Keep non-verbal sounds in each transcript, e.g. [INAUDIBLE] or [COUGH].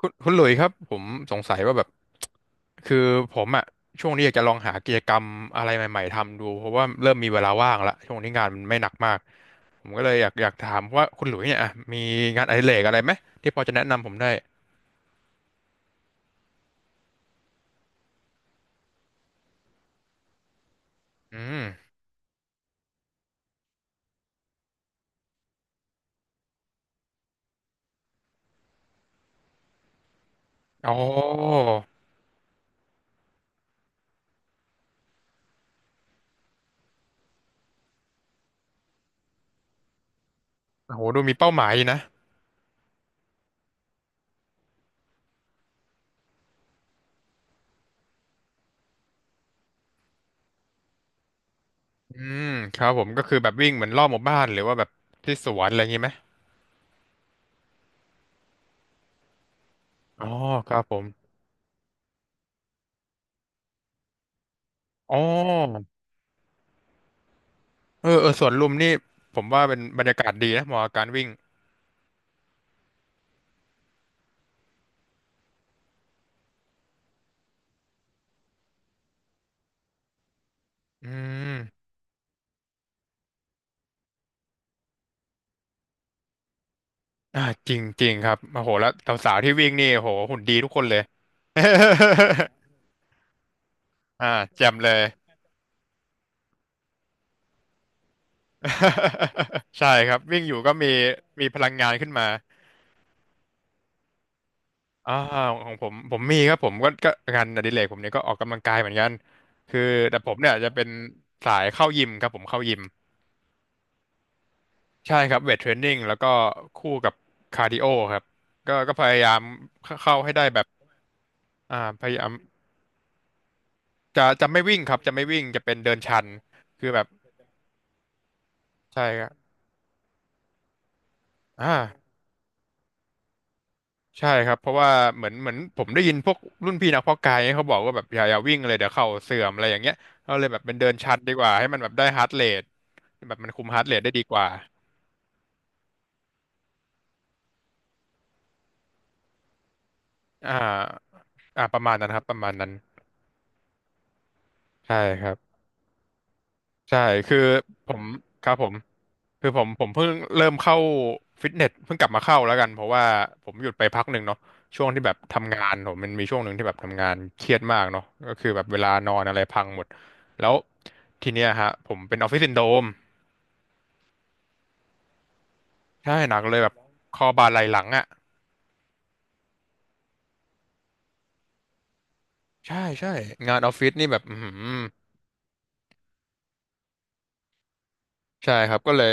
คุณหลุยส์ครับผมสงสัยว่าแบบคือผมอะช่วงนี้อยากจะลองหากิจกรรมอะไรใหม่ๆทำดูเพราะว่าเริ่มมีเวลาว่างละช่วงนี้งานมันไม่หนักมากผมก็เลยอยากถามว่าคุณหลุยส์เนี่ยอะมีงานอดิเรกอะไรไหมที่พอจะแนะนำผมได้อืมอ๋อโอ้โหดูมีเป้าหมายอยนะอืมครับผมก็คือแบบวิ่งเหมือนรอบหมู่บ้านหรือว่าแบบที่สวนอะไรอย่างงี้ไหมอ๋อครับผมอ๋อเออเออสวนลุมนี่ผมว่าเป็นบรรยากาศดีนะเหมาะกับการวิ่งอืม อ่าจริงจริงครับโอ้โหแล้วสาวๆที่วิ่งนี่โอ้โหหุ่นดีทุกคนเลย [LAUGHS] อ่าแจ่มเลย [LAUGHS] ใช่ครับวิ่งอยู่ก็มีพลังงานขึ้นมาอ่าของผมมีครับผมก็งานอดิเรกผมเนี่ยก็ออกกำลังกายเหมือนกันคือแต่ผมเนี่ยจะเป็นสายเข้ายิมครับผมเข้ายิมใช่ครับเวทเทรนนิ่งแล้วก็คู่กับคาร์ดิโอครับก็พยายามเข้าให้ได้แบบพยายามจะไม่วิ่งครับจะไม่วิ่งจะเป็นเดินชันคือแบบใช่ อ่าใช่ครับเพราะว่าเหมือนผมได้ยินพวกรุ่นพี่นักเพาะกายเนี่ยเขาบอกว่าแบบอย่าวิ่งเลยเดี๋ยวเข่าเสื่อมอะไรอย่างเงี้ยเราเลยแบบเป็นเดินชัดดีกว่าให้มันแบบได้ฮาร์ทเรทแบบมันคุมฮาร์ทเรทได้ดีกว่าอ่าประมาณนั้นครับประมาณนั้นใช่ครับ ใช่คือผมครับผมคือผมเพิ่งเริ่มเข้าฟิตเนสเพิ่งกลับมาเข้าแล้วกันเพราะว่าผมหยุดไปพักหนึ่งเนาะช่วงที่แบบทำงานผมมันมีช่วงหนึ่งที่แบบทำงานเครียดมากเนาะก็คือแบบเวลานอนอะไรพังหมดแล้วทีเนี้ยฮะผมเป็นออฟฟิศซินโดรมใช่หนักเลยแบบคอบ่าไหล่หลังอ่ะใช่ใช่งานออฟฟิศนี่แบบอือหือใช่ครับก็เลย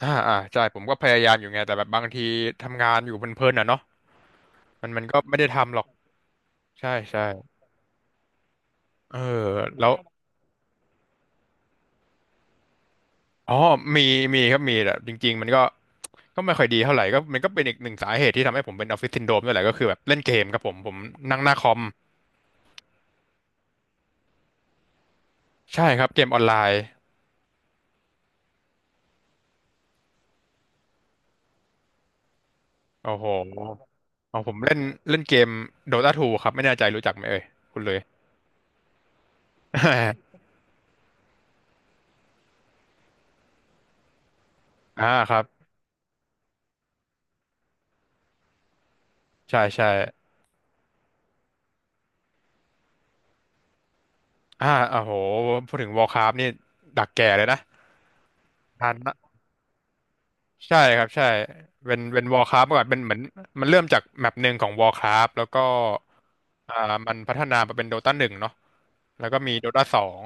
ใช่ผมก็พยายามอยู่ไงแต่แบบบางทีทำงานอยู่เพลินๆอ่ะเนาะมันก็ไม่ได้ทำหรอกใช่ใช่เออแล้ว อ๋อมีครับมีแต่จริงๆมันก็ไม่ค่อยดีเท่าไหร่ก็มันก็เป็นอีกหนึ่งสาเหตุที่ทำให้ผมเป็นออฟฟิศซินโดรมด้วยแหละก็คือแบบเล่นเกมครับผม ผมนั่งหน้าคอม ใช่ครับเกมออนไลน์โอ้โหเอาผมเล่นเล่นเกม Dota 2ครับไม่แน่ใจรู้จักไหมเอ่ยคุณเลย [LAUGHS] ครับใช่ใช่โอ้โหพูดถึง Warcraft นี่ดักแก่เลยนะทันนะใช่ครับใช่เป็นWarcraft เมื่อก่อนเป็นเหมือนมันเริ่มจากแมปหนึ่งของ Warcraft แล้วก็อ่ามันพัฒนามาเป็น Dota 1เนาะ แล้วก็มี d o t าสอง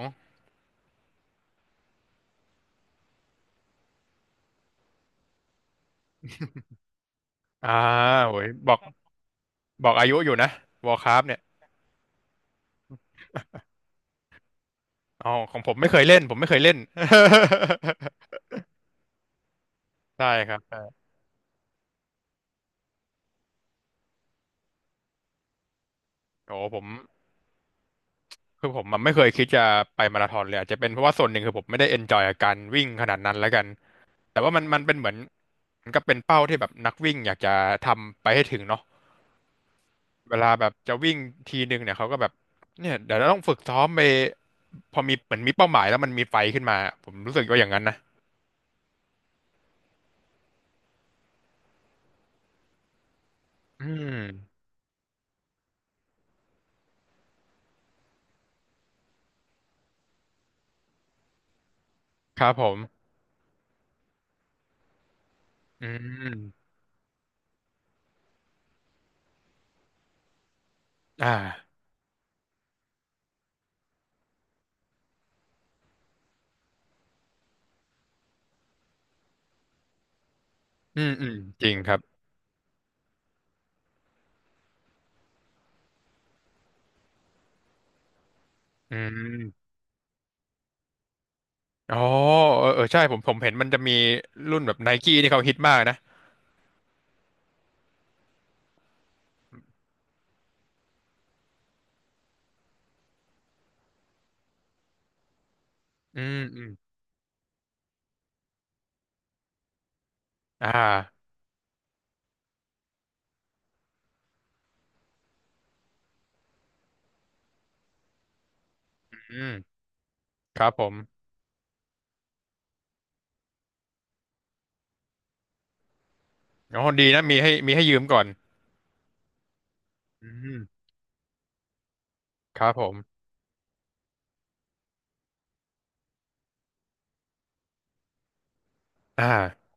อ่าโอ้ยบอกอายุอยู่นะวอร์คร f t เนี่ยอ๋อของผมไม่เคยเล่น ผมไม่เคยเล่น [LAUGHS] ใช่ครับใช่โอ้ผม คือผมมันไม่เคยคิดจะไปมาราธอนเลยอาจจะเป็นเพราะว่าส่วนหนึ่งคือผมไม่ได้เอนจอยกับการวิ่งขนาดนั้นแล้วกัน แต่ว่ามันเป็นเหมือนมันก็เป็นเป้าที่แบบนักวิ่งอยากจะทำไปให้ถึงเนาะเวลาแบบจะวิ่งทีนึงเนี่ยเขาก็แบบเนี่ยเดี๋ยวเราต้องฝึกซ้อมไปพอมีเหมือนมีเป้าหมายแล้วมันมีไฟขึ้นมาผมรู้สึกว่าอย่างนั้นนะอืมครับผม อืมอ่าอืมอืมจริงครับอืมอ๋อเออเออใช่ผมเห็นมันจะมีรุ่นแบบไนกี้ที่เขาฮิตมากนะอืมอืมอ่าอืมครับผมอ๋อดีนะมีให้มีให้ยืมก่อนอืมครับผมอ่า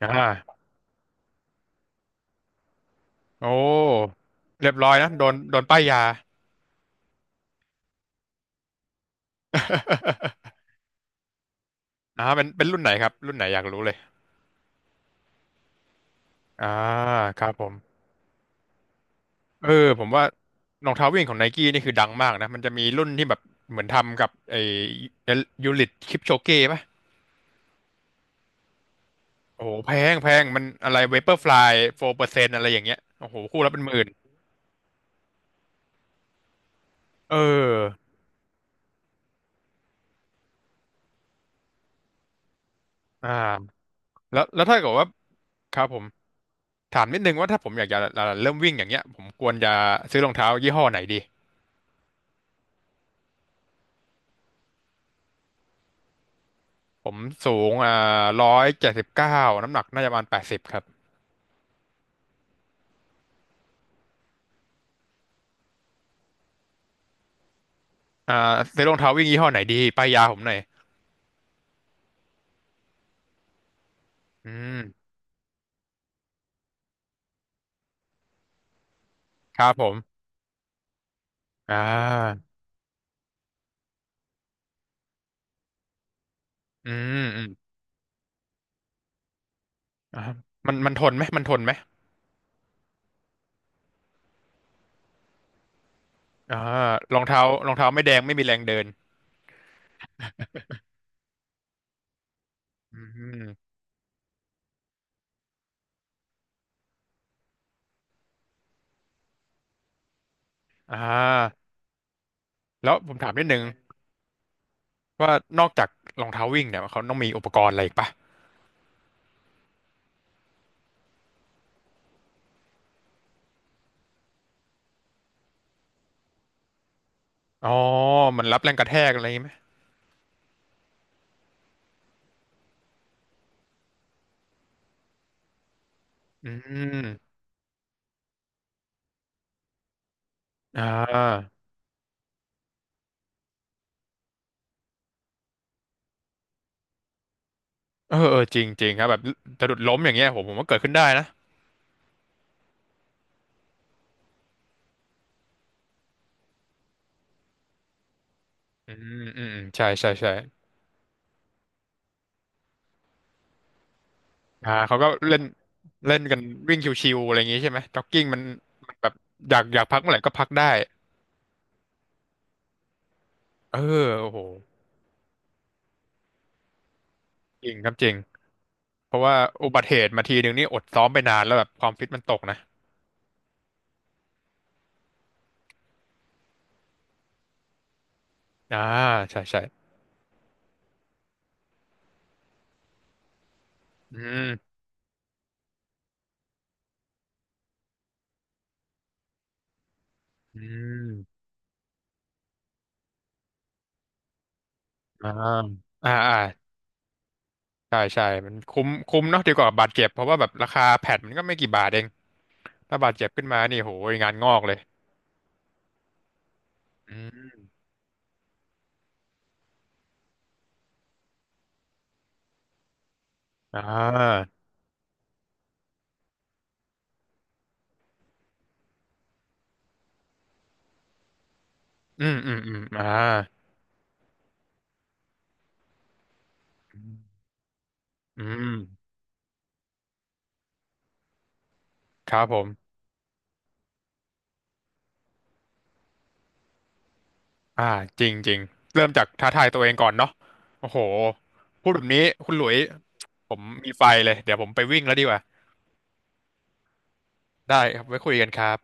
อ่าโอ้เรียบร้อยนะโดนโดนป้ายยา [LAUGHS] เป็นเป็นรุ่นไหนครับ รุ่นไหนอยากรู้เลยอ่าครับผม เออผมว่ารองเท้าวิ่งของไนกี้นี่คือดังมากนะมันจะมีรุ่นที่แบบเหมือนทำกับไอ้ยูริทคลิปโชเก้ป่ะโอ้โหแพงแพงมันอะไรเวเปอร์ฟลายโฟร์เปอร์เซ็นต์อะไรอย่างเงี้ยโอ้โหคู่ละเป็นหมื่นเอออ่าแล้วแล้วถ้าเกิดว่าครับผมถามนิดนึงว่าถ้าผมอยากจะเริ่มวิ่งอย่างเงี้ยผมควรจะซื้อรองเท้ายี่ห้อไหนดีผมสูง179น้ำหนักน่าจะประมาณ80ครับอ่าซื้อรองเท้าวิ่งยี่ห้อไหนดีป้ายยาผมหน่อยอืมครับผมอ่า อืมอืมอ่ามันทนไหมมันทนไหมอ่ารองเท้ารองเท้าไม่แดงไม่มีแรงเดินอืมอ่าแล้วผมถามนิดนึงว่านอกจากรองเท้าวิ่งเนี่ยเขาต้องมีอุปกรณ์อะไรอีกปะอ๋อมันรับแรงกระแทกอะไรอย่างงี้ไหมอืมอ่าเออเออจริงจริงครับแบบสะดุดล้มอย่างเงี้ยผมว่าเกิดขึ้นได้นะอืมอืมอืมใช่ใช่ใช่เขาก็เล่นเล่นกันวิ่งชิวๆอะไรอย่างงี้ใช่ไหมจ็อกกิ้งมันแบบอยากอยากพักเมื่อไหร่ก็พักได้เออโอ้โหจริงครับจริง เพราะว่าอุบัติเหตุมาทีหนึ่งนี่อดซ้อมไปนานแล้วแบบความฟิตมันตกนะอ่าใช่ใช่อืมอืมอ่าอ่าอ่าใช่ใช่มันคุ้มคุ้มเนาะดีกว่าบาดเจ็บเพราะว่าแบบราคาแพดมันก็ไม่กี่บาทเองถ้าบาดเจ็บขึ้นมานี่โหยงานงอกเลยอืมอ่าอืมอืมอืมอืมครับผมอ่าจริงจริงเริ่มจากท้าทายตัวเองก่อนเนาะโอ้โหพูดแบบนี้คุณหลุยผมมีไฟเลยเดี๋ยวผมไปวิ่งแล้วดีกว่าได้ครับไว้คุยกันครับ